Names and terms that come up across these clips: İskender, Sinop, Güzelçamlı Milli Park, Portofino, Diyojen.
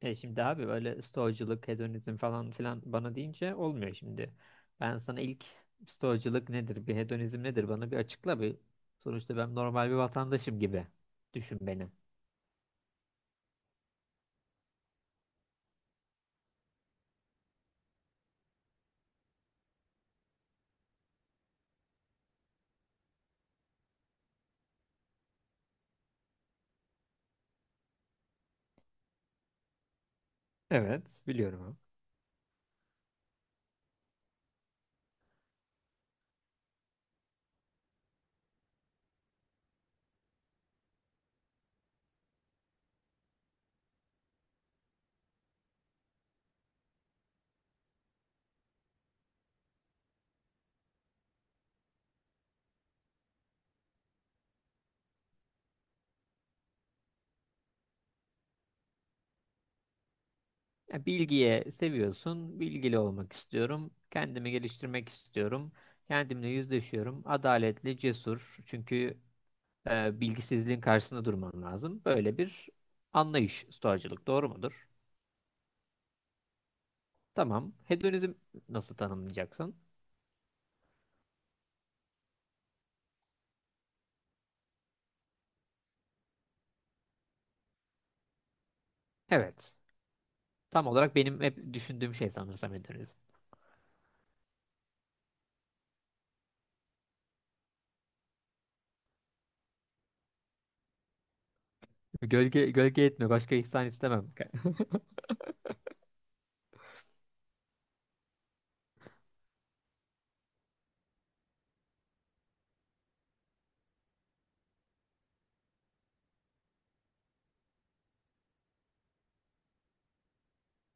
Şimdi abi böyle stoacılık, hedonizm falan filan bana deyince olmuyor şimdi. Ben sana ilk stoacılık nedir, bir hedonizm nedir bana bir açıkla bir. Sonuçta ben normal bir vatandaşım gibi düşün beni. Evet, biliyorum abi. Ya bilgiye seviyorsun, bilgili olmak istiyorum, kendimi geliştirmek istiyorum, kendimle yüzleşiyorum, adaletli, cesur. Çünkü bilgisizliğin karşısında durman lazım. Böyle bir anlayış stoacılık, doğru mudur? Tamam. Hedonizm nasıl tanımlayacaksın? Evet. Tam olarak benim hep düşündüğüm şey sanırsam hedonizm. Gölge, gölge etme. Başka ihsan istemem.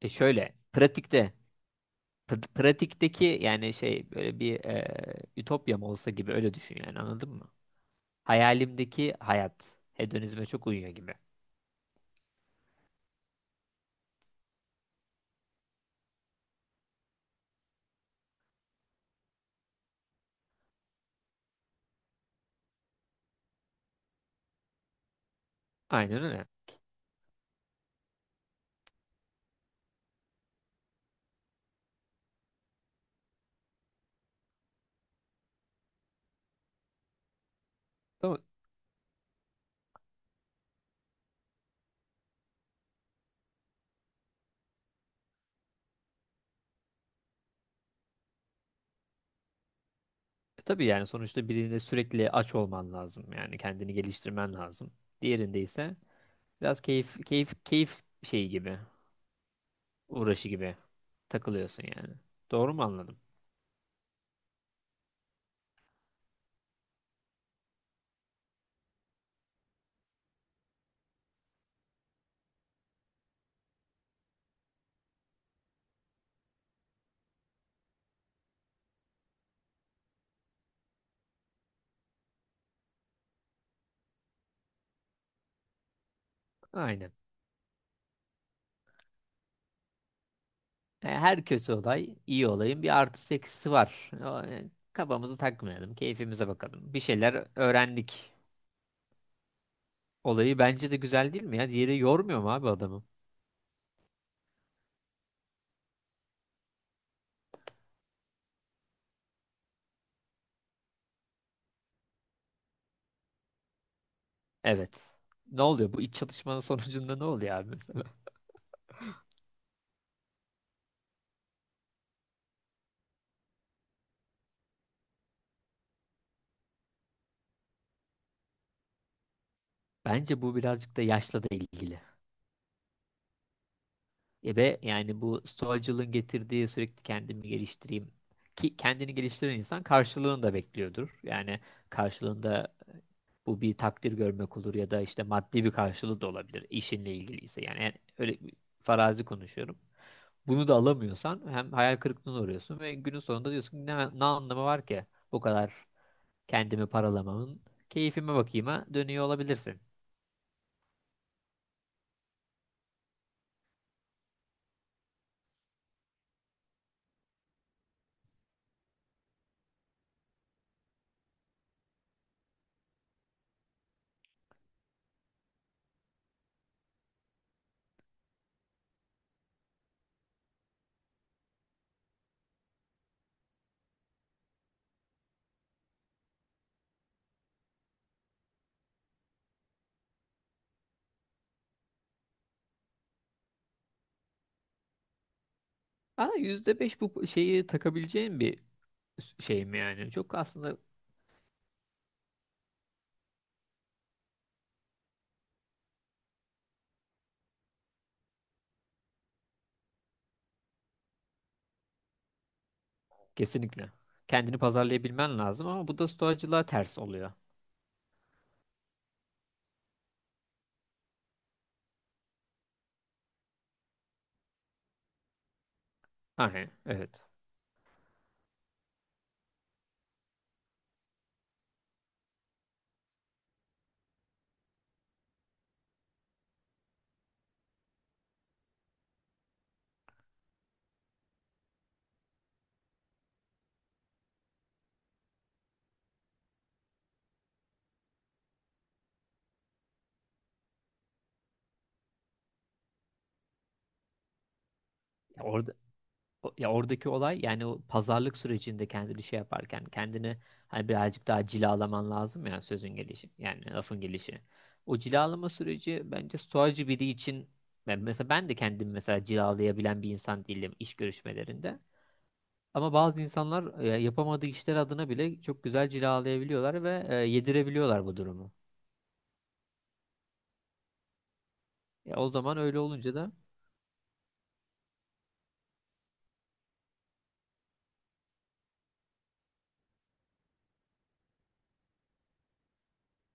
E şöyle. Pratikte. Pratikteki yani şey böyle bir ütopyam olsa gibi öyle düşün, yani anladın mı? Hayalimdeki hayat. Hedonizme çok uyuyor gibi. Aynen öyle. Ama tabii yani sonuçta birinde sürekli aç olman lazım. Yani kendini geliştirmen lazım. Diğerinde ise biraz keyif keyif keyif şeyi gibi, uğraşı gibi takılıyorsun yani. Doğru mu anladım? Aynen. Her kötü olay iyi olayın bir artısı eksisi var. Kafamızı takmayalım, keyfimize bakalım. Bir şeyler öğrendik. Olayı bence de güzel, değil mi ya? Diğeri yormuyor mu abi adamı? Evet. Ne oluyor? Bu iç çatışmanın sonucunda ne oluyor abi mesela? Bence bu birazcık da yaşla da ilgili. E be yani bu stoacılığın getirdiği sürekli kendimi geliştireyim. Ki kendini geliştiren insan karşılığını da bekliyordur. Yani karşılığında, bu bir takdir görmek olur ya da işte maddi bir karşılığı da olabilir işinle ilgiliyse. Yani öyle bir farazi konuşuyorum. Bunu da alamıyorsan hem hayal kırıklığına uğruyorsun ve günün sonunda diyorsun ki ne, ne anlamı var ki bu kadar kendimi paralamamın, keyfime bakayım'a dönüyor olabilirsin. Ama %5 bu şeyi takabileceğin bir şey mi yani? Çok aslında. Kesinlikle. Kendini pazarlayabilmen lazım ama bu da stoacılığa ters oluyor. Aynen, evet. Ya orada ya oradaki olay yani o pazarlık sürecinde kendini şey yaparken kendini hani birazcık daha cilalaman lazım ya, sözün gelişi yani lafın gelişi. O cilalama süreci bence stoacı biri için, ben mesela ben de kendimi mesela cilalayabilen bir insan değilim iş görüşmelerinde. Ama bazı insanlar yapamadığı işler adına bile çok güzel cilalayabiliyorlar ve yedirebiliyorlar bu durumu. Ya o zaman öyle olunca da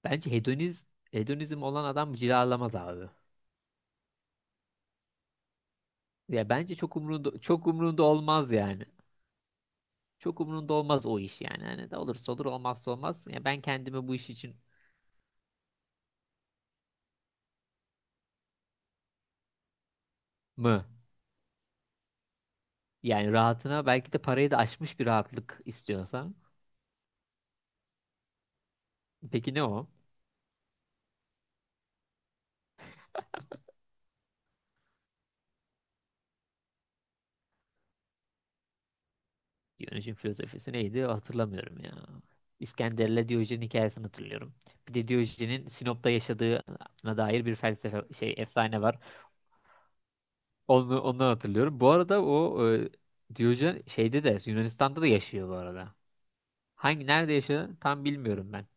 bence hedonizm olan adam cilalamaz abi. Ya bence çok umrunda olmaz yani. Çok umurunda olmaz o iş yani. Hani de olursa olur olmazsa olmaz. Ya ben kendimi bu iş için mı? Yani rahatına, belki de parayı da aşmış bir rahatlık istiyorsan. Peki ne o? Diyojen'in filozofisi neydi? Hatırlamıyorum ya. İskender'le Diyojen hikayesini hatırlıyorum. Bir de Diyojen'in Sinop'ta yaşadığına dair bir felsefe şey efsane var. Onu ondan hatırlıyorum. Bu arada Diyojen şeyde de Yunanistan'da da yaşıyor bu arada. Hangi nerede yaşıyor tam bilmiyorum ben.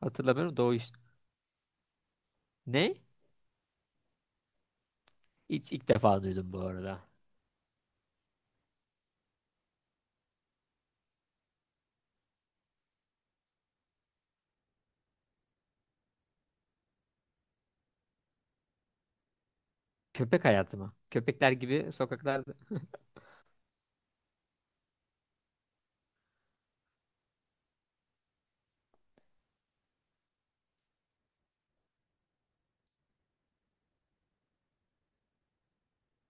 Hatırlamıyorum da o iş. Ne? Hiç ilk defa duydum bu arada. Köpek hayatı mı? Köpekler gibi sokaklarda.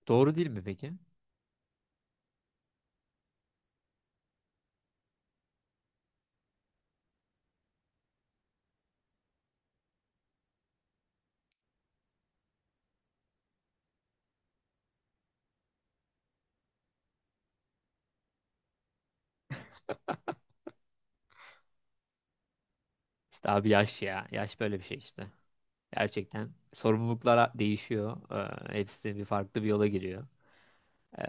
Doğru değil mi peki? İşte abi yaş ya. Yaş böyle bir şey işte. Gerçekten sorumluluklar değişiyor. Hepsi bir farklı bir yola giriyor. Ee,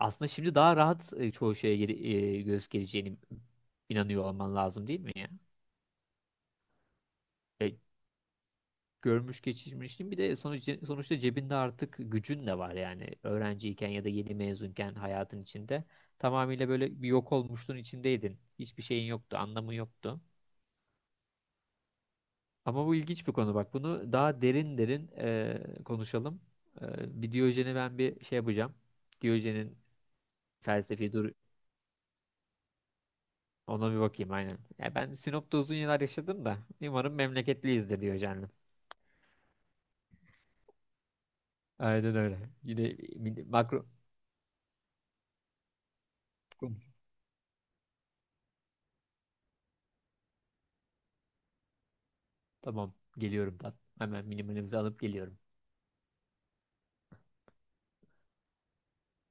aslında şimdi daha rahat çoğu şeye göz geleceğini inanıyor olman lazım, değil mi ya? E, görmüş geçirmişsin. Bir de sonuçta cebinde artık gücün de var yani öğrenciyken ya da yeni mezunken hayatın içinde. Tamamıyla böyle bir yok olmuşluğun içindeydin. Hiçbir şeyin yoktu, anlamı yoktu. Ama bu ilginç bir konu bak. Bunu daha derin derin konuşalım. Bir Diyojen'i ben bir şey yapacağım. Diyojen'in felsefi dur, ona bir bakayım aynen. Ya ben Sinop'ta uzun yıllar yaşadım da umarım memleketliyizdir Diyojen'le. Aynen öyle. Yine makro Tamam, geliyorum ben. Hemen minimalimizi alıp geliyorum.